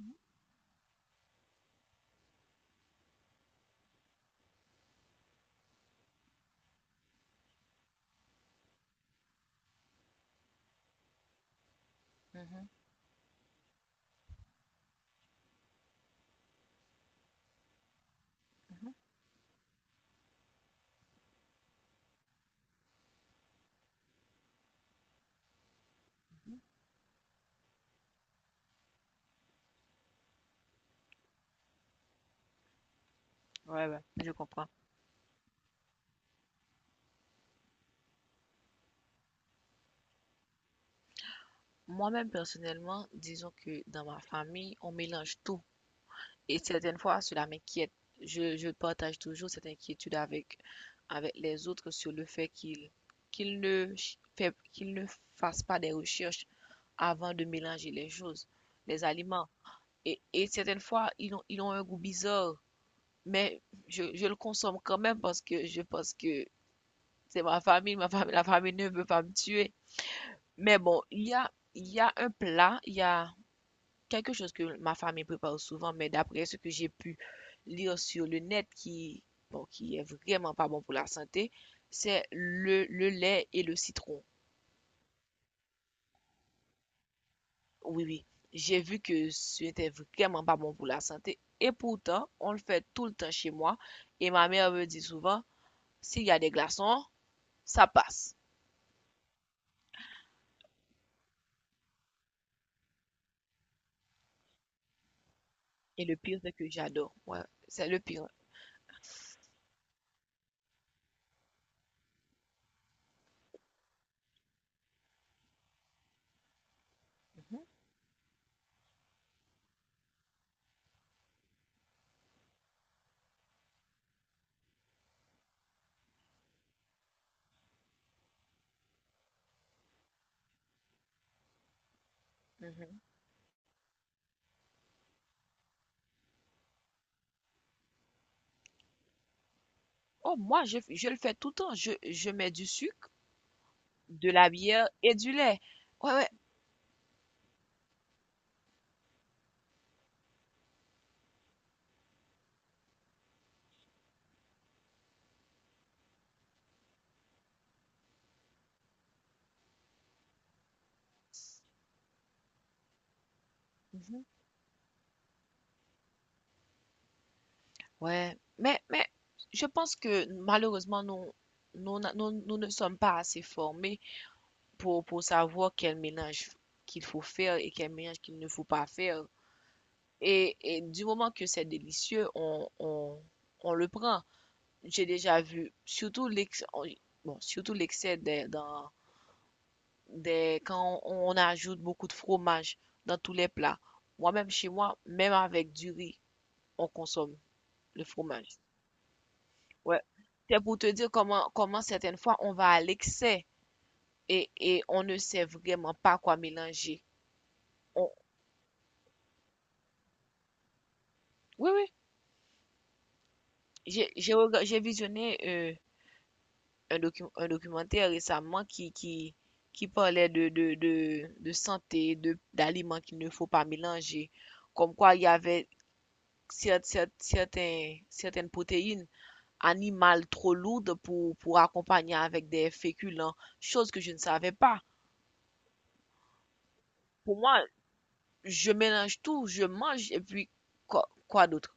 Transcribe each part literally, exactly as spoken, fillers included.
Mmh mh. Mmh mh. Mmh. Ouais, ouais, je comprends. Moi-même, personnellement, disons que dans ma famille, on mélange tout. Et certaines fois, cela m'inquiète. Je, je partage toujours cette inquiétude avec, avec les autres sur le fait qu'ils qu'ils ne, ch- fait- qu'ils ne fassent pas des recherches avant de mélanger les choses, les aliments. Et, et certaines fois, ils ont, ils ont un goût bizarre. Mais je, je le consomme quand même parce que je pense que c'est ma famille, ma famille, la famille ne veut pas me tuer. Mais bon, il y a, il y a un plat, il y a quelque chose que ma famille prépare souvent, mais d'après ce que j'ai pu lire sur le net, qui, bon, qui est vraiment pas bon pour la santé, c'est le, le lait et le citron. Oui, oui. J'ai vu que c'était vraiment pas bon pour la santé. Et pourtant, on le fait tout le temps chez moi. Et ma mère me dit souvent, s'il y a des glaçons, ça passe. Et le pire, c'est que j'adore. Ouais, c'est le pire. Mhm, mhm. Oh, moi, je, je le fais tout le temps. Je, je mets du sucre, de la bière et du lait. Ouais, ouais. Mhm. Ouais. Mais, mais je pense que malheureusement, nous, nous, n'a- nous, nous ne sommes pas assez formés pour, pour savoir quel mélange qu'il faut faire et quel mélange qu'il ne faut pas faire. Et, et du moment que c'est délicieux, on, on, on le prend. J'ai déjà vu, surtout l'excès, bon, surtout l'excès des- dans, des, quand on on ajoute beaucoup de fromage dans tous les plats. Moi-même, chez moi, même avec du riz, on consomme le fromage. Ouais. C'est pour te dire comment, comment certaines fois on va à l'excès et, et on ne sait vraiment pas quoi mélanger. On- Oui, oui. J'ai j'ai rega- j'ai visionné euh, un, docu- un documentaire récemment qui, qui, qui parlait de, de, de, de santé, de, d'aliments qu'il ne faut pas mélanger. Comme quoi, il y avait cer- cer- certains, certaines protéines animal trop lourde pour, pour accompagner avec des féculents, chose que je ne savais pas. Pour moi, je mélange tout, je mange et puis quoi, quoi d'autre?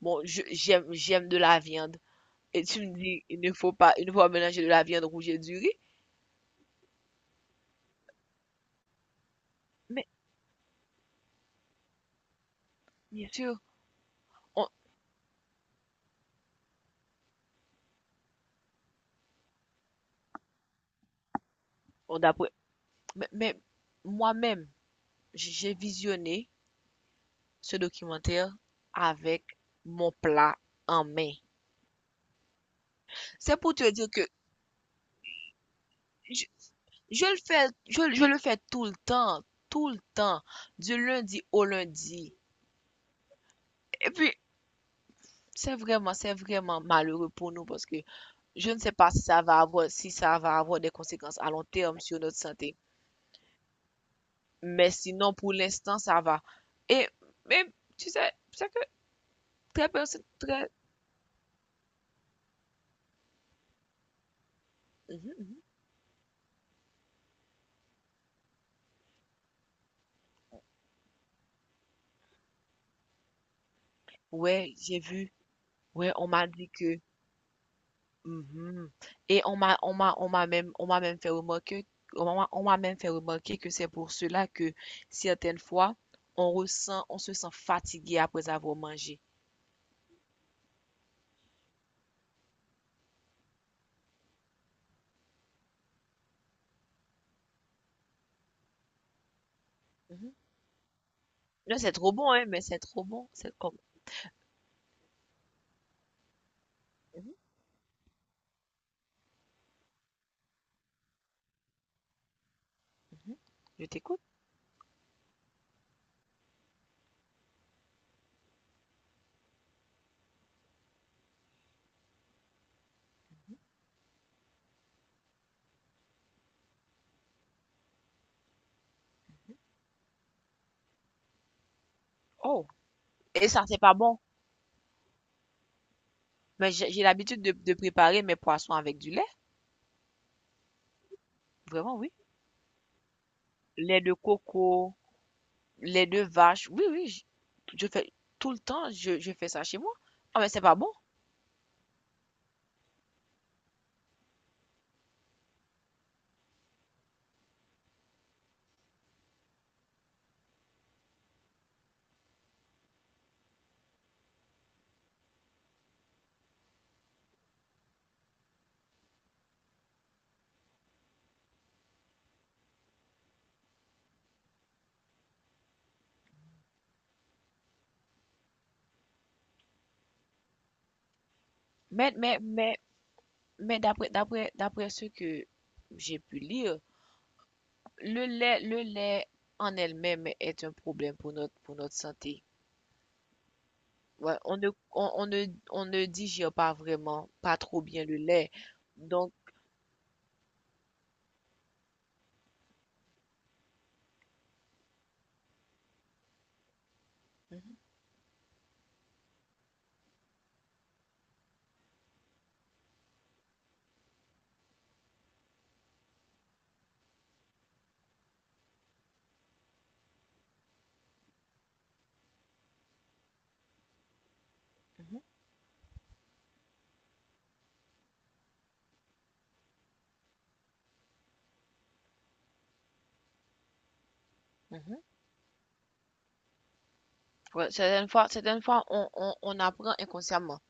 Bon, je- j'aime, j'aime de la viande. Et tu me dis, il ne faut pas, il ne faut pas mélanger de la viande rouge et du riz. Mais bien sûr, on, on d'après, mais, mais moi-même, j- j'ai visionné ce documentaire avec mon plat en main. C'est pour te dire que je- je le fais, je, je le fais tout le temps, tout le temps, du lundi au lundi. Et puis, c'est vraiment, c'est vraiment malheureux pour nous parce que je ne sais pas si ça va avoir, si ça va avoir des conséquences à long terme sur notre santé. Mais sinon, pour l'instant, ça va. Et, mais, tu sais, c'est que très, personne- très, Mhm. Ouais, j'ai vu, ouais, on m'a dit que Mhm. Et on m'a, on m'a, on m'a même, on m'a même fait remarquer, on m'a, on m'a même fait remarquer que c'est pour cela que certaines fois, on ressent, on se sent fatigué après avoir mangé. Mhm. Là, c'est trop bon, hein, mais c'est trop bon. C'est comme, Mhm, mhm. Je t'écoute. Oh, et ça, c'est pas bon. Mais j'ai j'ai l'habitude de, de préparer mes poissons avec du lait. Vraiment, oui. Lait de coco, lait de vache. Oui, oui. Je, je fais tout le temps, je, je fais ça chez moi. Ah, mais c'est pas bon. Mais, mais, mais. Mais d'après, d'après, d'après ce que j'ai pu lire, le lait, le lait en elle-même est un problème pour notre, pour notre santé. Ouais, on ne, on, on ne, on ne digère pas vraiment, pas trop bien le lait. Donc, Mhm, mhm, mhm. Ouais, certaines fois, certaines fois on, on, on apprend inconsciemment.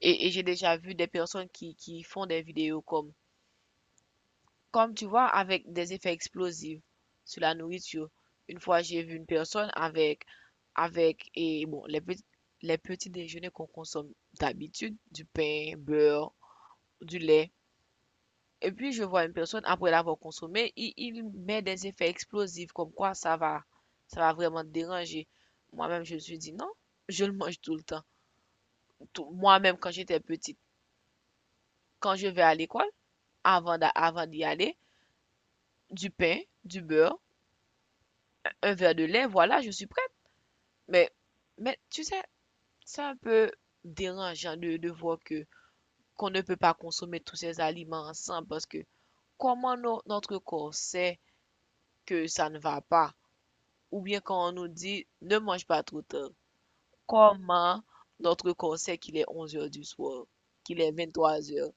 Et, et j'ai déjà vu des personnes qui, qui font des vidéos comme Comme tu vois, avec des effets explosifs sur la nourriture. Une fois, j'ai vu une personne avec, avec et bon, les petits, les petits déjeuners qu'on consomme d'habitude, du pain, beurre, du lait. Et puis, je vois une personne, après l'avoir consommé, il, il met des effets explosifs, comme quoi ça va, ça va vraiment te déranger. Moi-même, je me suis dit non, je le mange tout le temps. Tout- Moi-même, quand j'étais petite, quand je vais à l'école, avant d'a- avant d'y aller, du pain, du beurre, un verre de lait, voilà, je suis Mais, mais tu sais, c'est un peu dérangeant de, de voir que qu'on ne peut pas consommer tous ces aliments ensemble parce que comment no- notre corps sait que ça ne va pas? Ou bien quand on nous dit ne mange pas trop tard, comment notre corps sait qu'il est onze heures du soir, qu'il est vingt-trois heures?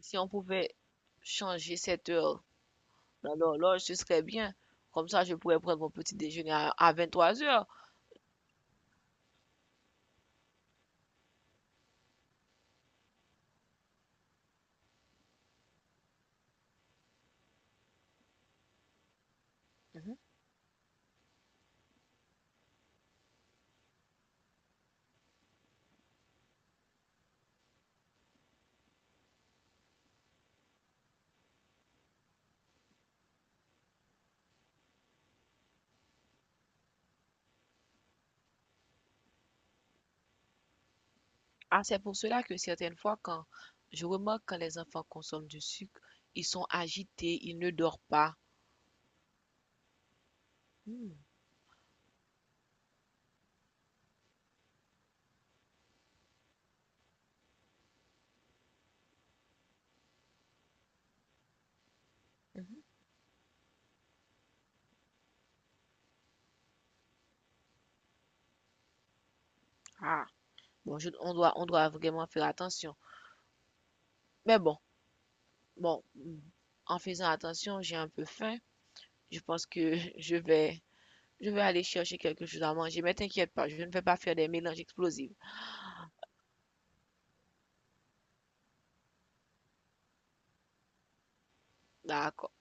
Si on pouvait changer cette heure dans l'horloge, ce serait bien. Comme ça, je pourrais prendre mon petit déjeuner à, à trois heures. Ah, c'est pour cela que certaines fois, quand je remarque quand les enfants consomment du sucre, ils sont agités, ils ne dorment pas. Hmm, mhm. Ah, bon, je- on doit, on doit vraiment faire attention. Mais bon, bon, hmm, en faisant attention, j'ai un peu faim. Je pense que je vais, je vais aller chercher quelque chose à manger. Mais t'inquiète pas, je ne vais pas faire des mélanges explosifs. D'accord.